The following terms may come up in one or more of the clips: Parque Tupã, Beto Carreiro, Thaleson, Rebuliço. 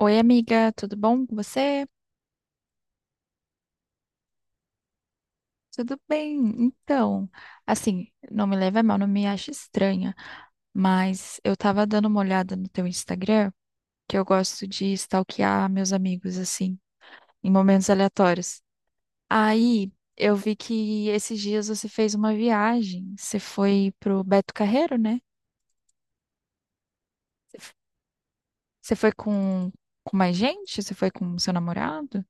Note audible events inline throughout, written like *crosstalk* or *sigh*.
Oi, amiga, tudo bom com você? Tudo bem. Então, assim, não me leve a mal, não me ache estranha, mas eu tava dando uma olhada no teu Instagram, que eu gosto de stalkear meus amigos, assim, em momentos aleatórios. Aí, eu vi que esses dias você fez uma viagem. Você foi pro Beto Carreiro, né? Você f- você foi com mais gente? Você foi com seu namorado?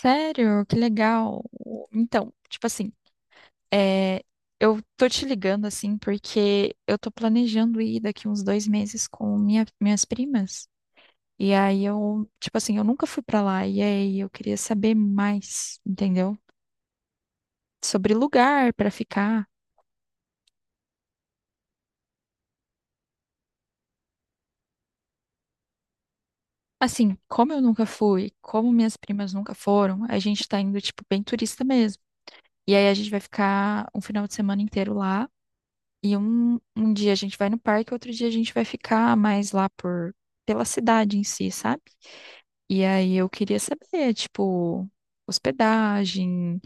Sério? Que legal. Então, tipo assim. É, eu tô te ligando assim porque eu tô planejando ir daqui uns 2 meses com minhas primas. E aí eu, tipo assim, eu nunca fui pra lá. E aí eu queria saber mais, entendeu? Sobre lugar pra ficar. Assim, como eu nunca fui, como minhas primas nunca foram, a gente tá indo, tipo, bem turista mesmo. E aí a gente vai ficar um final de semana inteiro lá. E um dia a gente vai no parque, outro dia a gente vai ficar mais lá por, pela cidade em si, sabe? E aí eu queria saber, tipo, hospedagem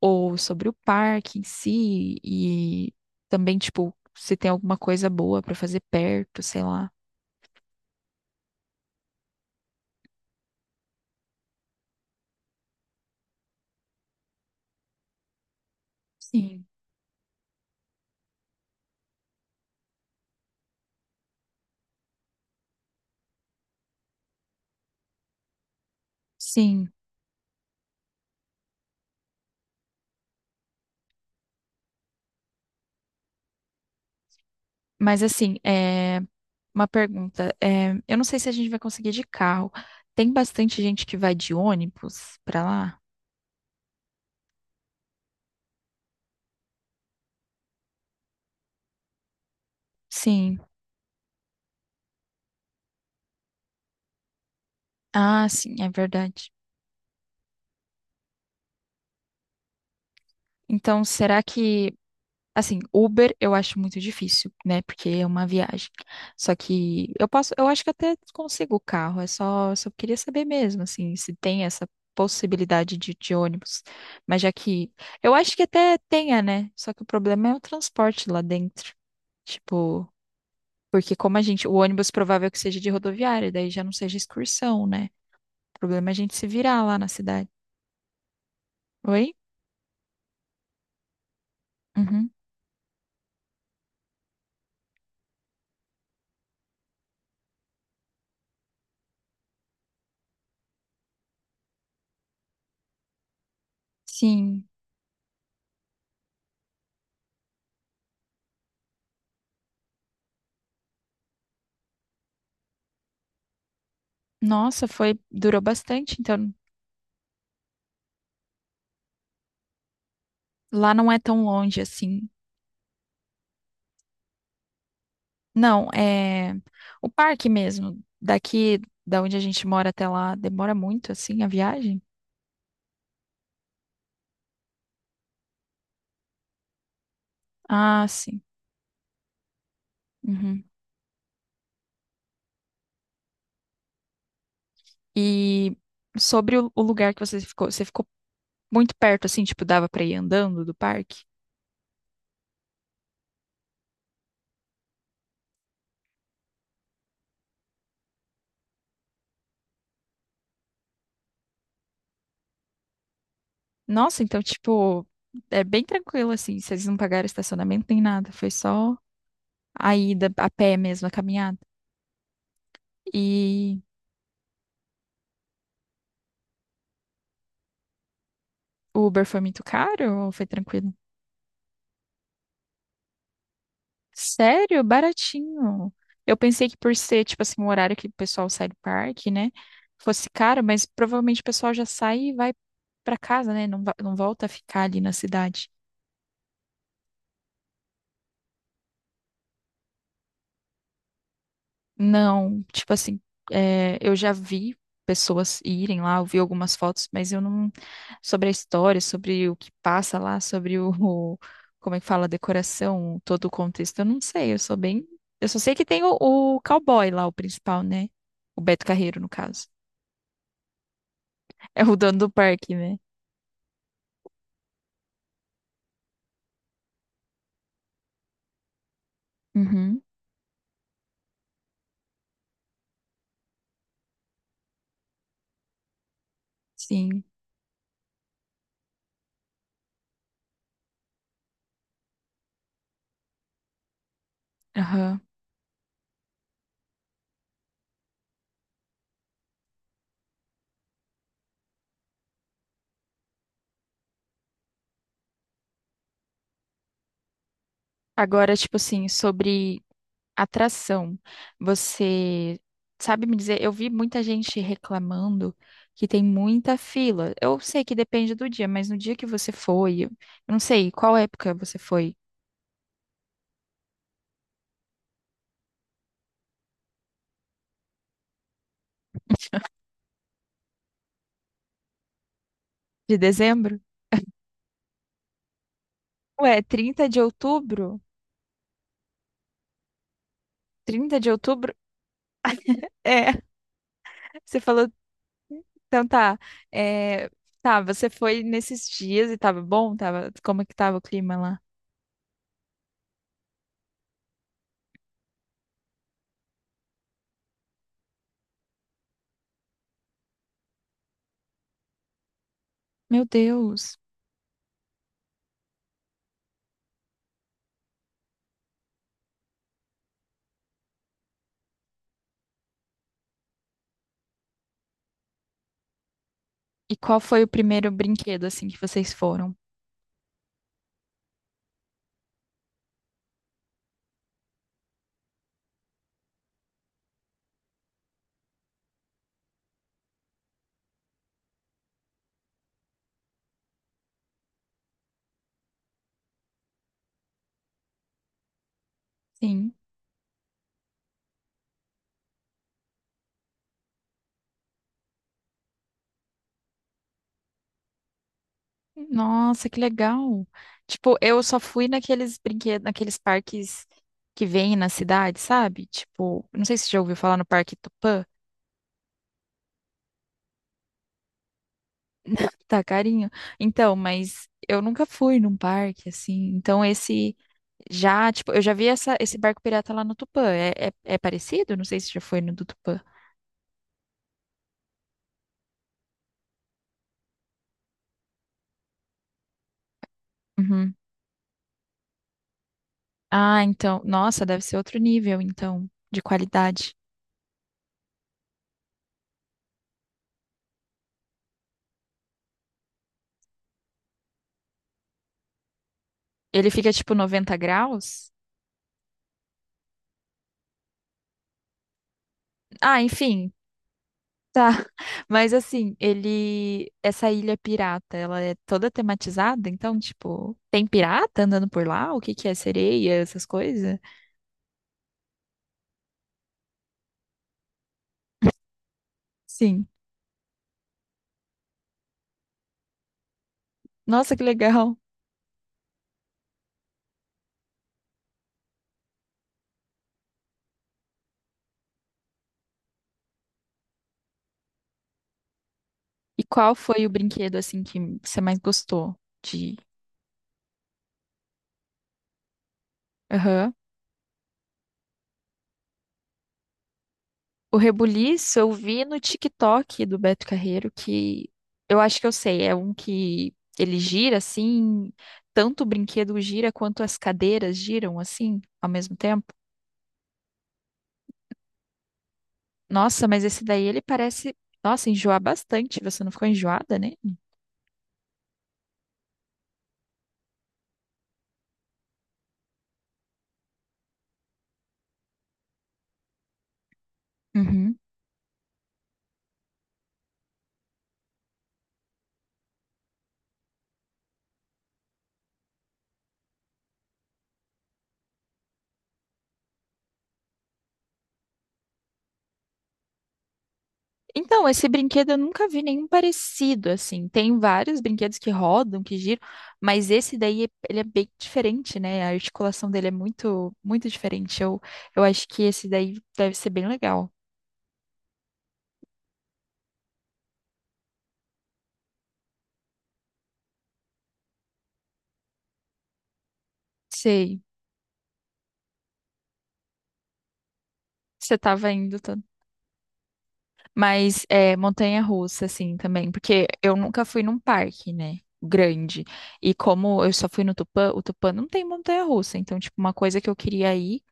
ou sobre o parque em si e também, tipo, se tem alguma coisa boa pra fazer perto, sei lá. Sim. Sim, mas assim, é uma pergunta, é, eu não sei se a gente vai conseguir de carro. Tem bastante gente que vai de ônibus pra lá? Sim. Ah, sim, é verdade. Então, será que... Assim, Uber eu acho muito difícil, né? Porque é uma viagem. Só que eu posso, eu acho que até consigo o carro, é só, só queria saber mesmo, assim, se tem essa possibilidade de ônibus. Mas já que eu acho que até tenha, né? Só que o problema é o transporte lá dentro. Tipo, porque como a gente, o ônibus provável que seja de rodoviária, daí já não seja excursão, né? O problema é a gente se virar lá na cidade. Oi? Uhum. Sim. Nossa, foi, durou bastante, então lá não é tão longe assim. Não, é o parque mesmo. Daqui da onde a gente mora até lá demora muito, assim, a viagem? Ah, sim. Uhum. E sobre o lugar que você ficou muito perto, assim, tipo, dava pra ir andando do parque? Nossa, então, tipo, é bem tranquilo, assim, vocês não pagaram estacionamento nem nada, foi só a ida a pé mesmo, a caminhada. E o Uber foi muito caro ou foi tranquilo? Sério? Baratinho. Eu pensei que por ser, tipo assim, um horário que o pessoal sai do parque, né? Fosse caro, mas provavelmente o pessoal já sai e vai pra casa, né? Não, não volta a ficar ali na cidade. Não, tipo assim, é, eu já vi pessoas irem lá, eu vi algumas fotos, mas eu não. Sobre a história, sobre o que passa lá, sobre como é que fala, a decoração, todo o contexto, eu não sei, eu sou bem. Eu só sei que tem o cowboy lá, o principal, né? O Beto Carreiro, no caso. É o dono do parque, né? Uhum, sim. Aham. Agora, tipo assim, sobre atração, você sabe me dizer? Eu vi muita gente reclamando que tem muita fila. Eu sei que depende do dia, mas no dia que você foi, eu não sei qual época você foi. De dezembro? Ué, 30 de outubro? 30 de outubro? É, *laughs* você falou, então tá. É, tá, você foi nesses dias e tava bom? Tava, como é que tava o clima lá? Meu Deus. E qual foi o primeiro brinquedo, assim, que vocês foram? Sim. Nossa, que legal. Tipo, eu só fui naqueles brinquedos, naqueles parques que vêm na cidade, sabe? Tipo, não sei se você já ouviu falar no Parque Tupã. *laughs* Tá carinho. Então, mas eu nunca fui num parque, assim. Então, esse já, tipo, eu já vi essa, esse barco pirata lá no Tupã. É, é, é parecido? Não sei se já foi no do Tupã. Uhum. Ah, então. Nossa, deve ser outro nível, então, de qualidade. Ele fica tipo 90 graus? Ah, enfim, tá. Mas assim, ele. Essa ilha pirata, ela é toda tematizada? Então, tipo, tem pirata andando por lá? O que que é? Sereia, essas coisas? Sim. Nossa, que legal. E qual foi o brinquedo, assim, que você mais gostou de. Aham. O Rebuliço eu vi no TikTok do Beto Carreiro, que eu acho que eu sei, é um que ele gira assim, tanto o brinquedo gira quanto as cadeiras giram assim ao mesmo tempo. Nossa, mas esse daí ele parece, nossa, enjoar bastante. Você não ficou enjoada, né? Então, esse brinquedo eu nunca vi nenhum parecido, assim. Tem vários brinquedos que rodam, que giram, mas esse daí, ele é bem diferente, né? A articulação dele é muito, muito diferente. Eu acho que esse daí deve ser bem legal. Sei, você tava indo tanto. Mas é montanha-russa, assim, também, porque eu nunca fui num parque, né? Grande. E como eu só fui no Tupã, o Tupã não tem montanha-russa. Então, tipo, uma coisa que eu queria ir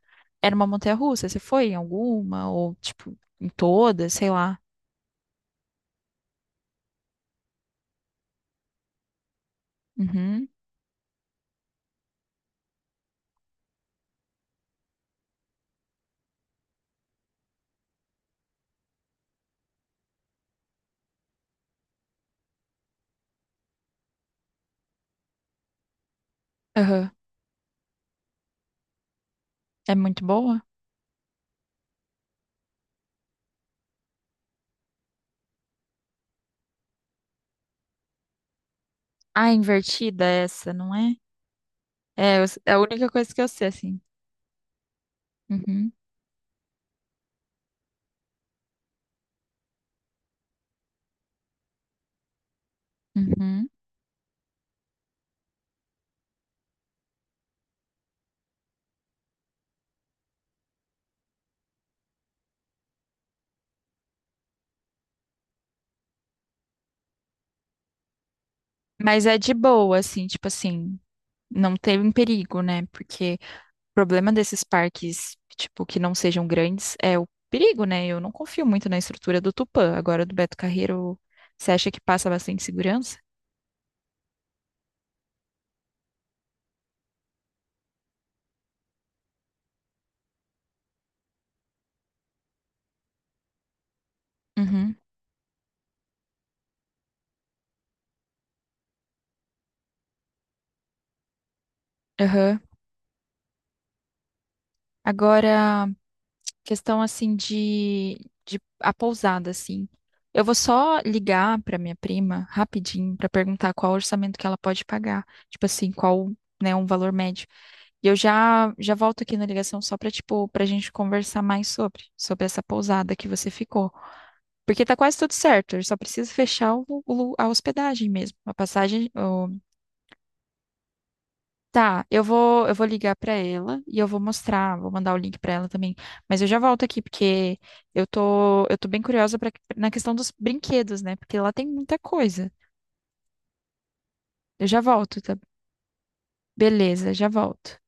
era uma montanha-russa. Você foi em alguma? Ou, tipo, em todas, sei lá. Uhum. Aham. É muito boa? Ah, é invertida essa, não é? É, é a única coisa que eu sei, assim. Uhum. Uhum. Mas é de boa, assim, tipo assim, não teve um perigo, né? Porque o problema desses parques, tipo, que não sejam grandes é o perigo, né? Eu não confio muito na estrutura do Tupã. Agora, do Beto Carreiro, você acha que passa bastante segurança? Uhum. Aham. Agora, questão assim de a pousada assim. Eu vou só ligar para minha prima rapidinho para perguntar qual o orçamento que ela pode pagar, tipo assim, qual, né, um valor médio. E eu já já volto aqui na ligação só para tipo para gente conversar mais sobre essa pousada que você ficou, porque tá quase tudo certo. Eu só preciso fechar o, a hospedagem mesmo, a passagem. Tá, eu vou ligar pra ela e eu vou mostrar, vou mandar o link pra ela também. Mas eu já volto aqui porque eu tô bem curiosa pra, na questão dos brinquedos, né? Porque lá tem muita coisa. Eu já volto, tá? Beleza, já volto.